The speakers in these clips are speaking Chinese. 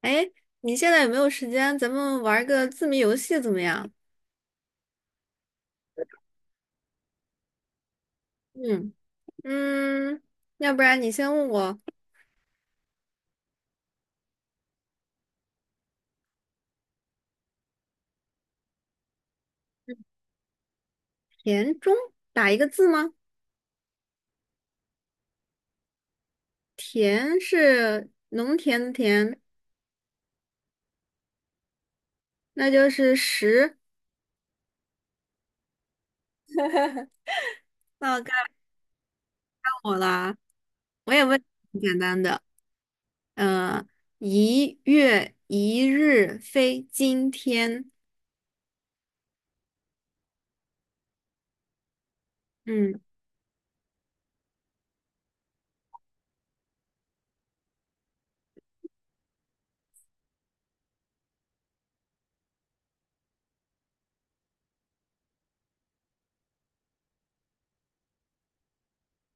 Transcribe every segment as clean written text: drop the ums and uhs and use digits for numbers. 哎，你现在有没有时间？咱们玩个字谜游戏怎么样？嗯嗯，要不然你先问我，田中打一个字吗？田是农田的田，那就是十。那该我啦，我也问你简单的。呃，1月1日非今天。嗯，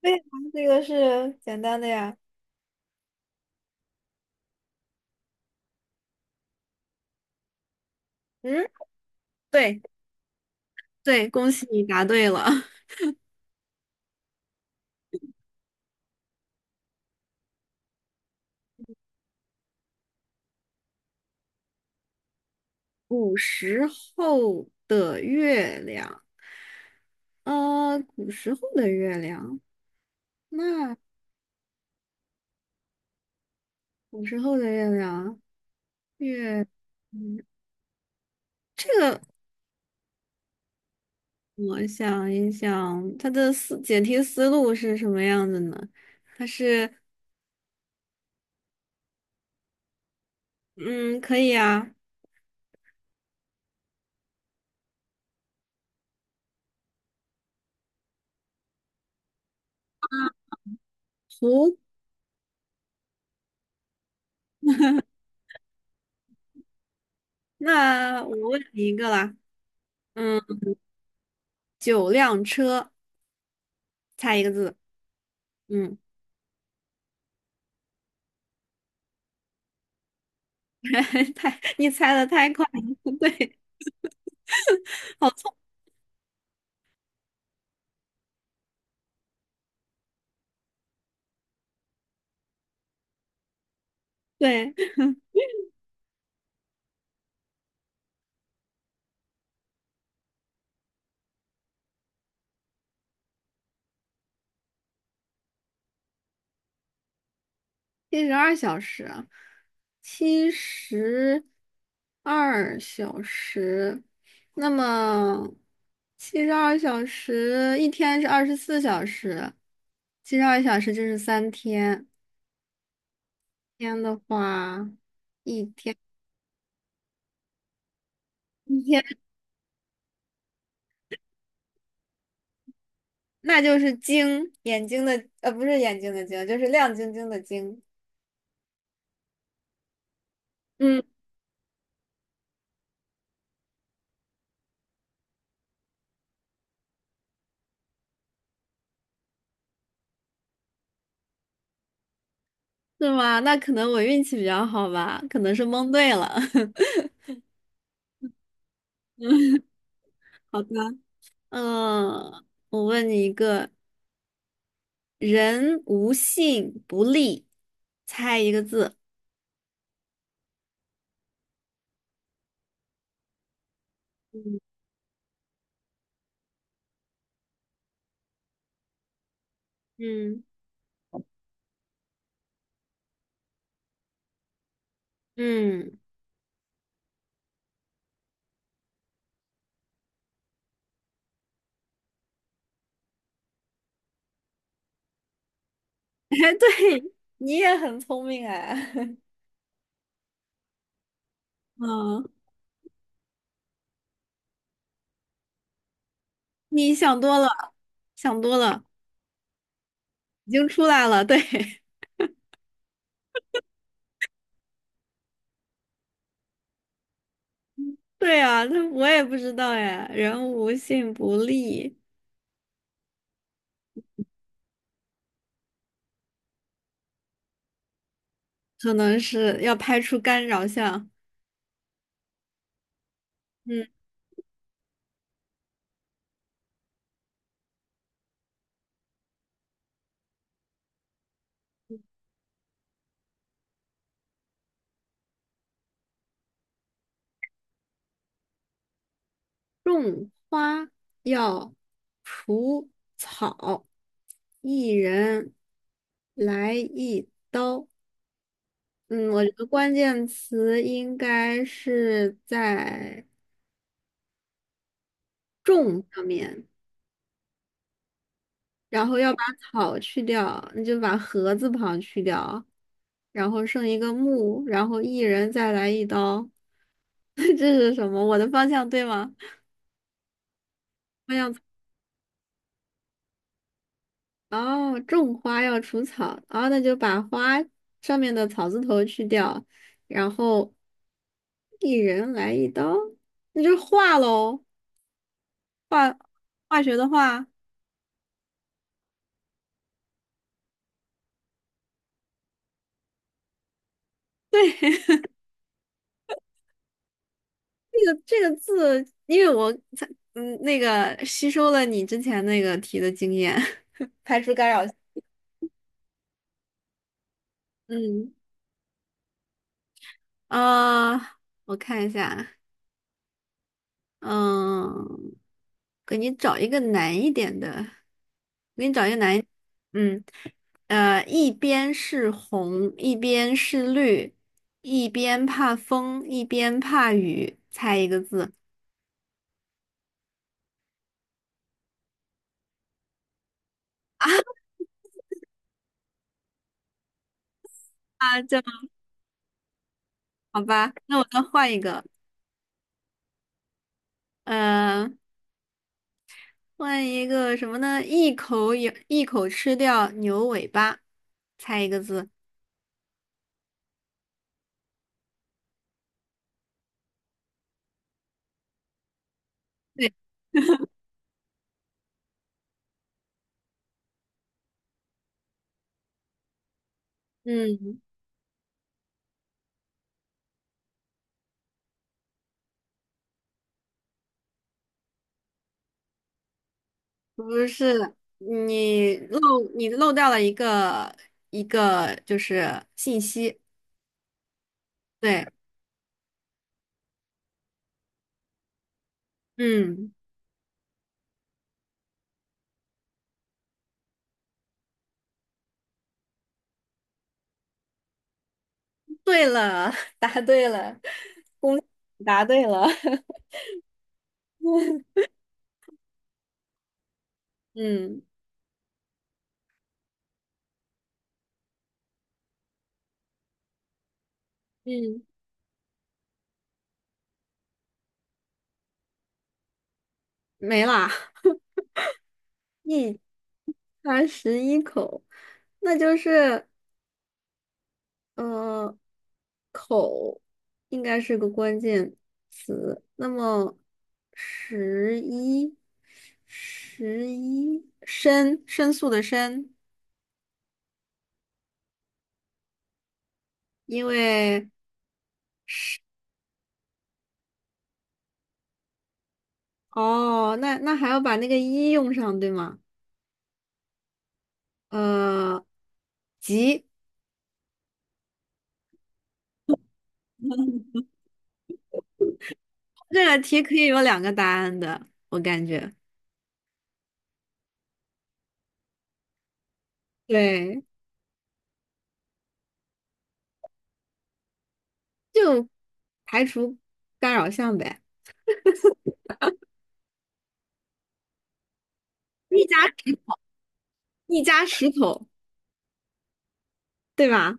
对啊，这个是简单的呀。嗯，对对，恭喜你答对了。古时候的月亮，古时候的月亮，那古时候的月亮，月，嗯，这个我想一想，它的解题思路是什么样子呢？它是，嗯，可以啊，图，那我问你一个啦，嗯，九辆车，猜一个字，嗯，太，你猜的太快了，对，好聪，对。七十二小时啊，七十二小时，那么七十二小时一天是24小时，七十二小时就是3天。天的话，一天一天，那就是睛，眼睛的，不是眼睛的睛，就是亮晶晶的晶。嗯，是吗？那可能我运气比较好吧，可能是蒙对了。好的，嗯，我问你一个，人无信不立，猜一个字。嗯嗯嗯，哎，对，你也很聪明哎。嗯，你想多了，想多了，已经出来了。对，对啊，那我也不知道哎。人无信不立，可能是要拍出干扰项。嗯，种花要除草，一人来一刀。嗯，我觉得关键词应该是在种上面，然后要把草去掉，那就把禾字旁去掉，然后剩一个木，然后一人再来一刀。这是什么？我的方向对吗？方向哦，种花要除草，哦，那就把花上面的草字头去掉，然后一人来一刀，那就画喽，化学的化。这个字，因为我才那个吸收了你之前那个题的经验，排除干扰。嗯啊，我看一下，嗯，给你找一个难一点的，给你找一个难一嗯，呃，一边是红，一边是绿，一边怕风，一边怕雨，猜一个字啊，这好吧，那我再换一个，嗯。换一个什么呢？一口咬，一口吃掉牛尾巴，猜一个字。对，嗯，不是，你漏掉了一个就是信息。对，嗯，对了，答对了，答对了，嗯嗯，没啦，一它11口，那就是呃。应该是个关键词。那么，十一，十一，申，申诉的申，因为哦，那还要把那个一用上，对吗？呃，急，这个题可以有两个答案的，我感觉。对，就排除干扰项呗。一家一家十口，对吧？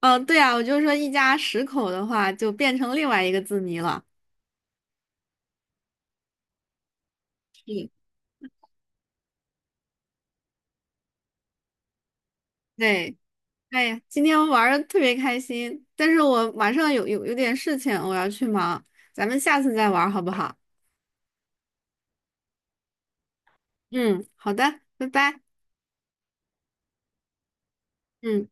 嗯，对啊，我就说一家十口的话，就变成另外一个字谜了。对。哎呀，今天玩的特别开心，但是我晚上有点事情，我要去忙，咱们下次再玩好不好？嗯，好的，拜拜。嗯。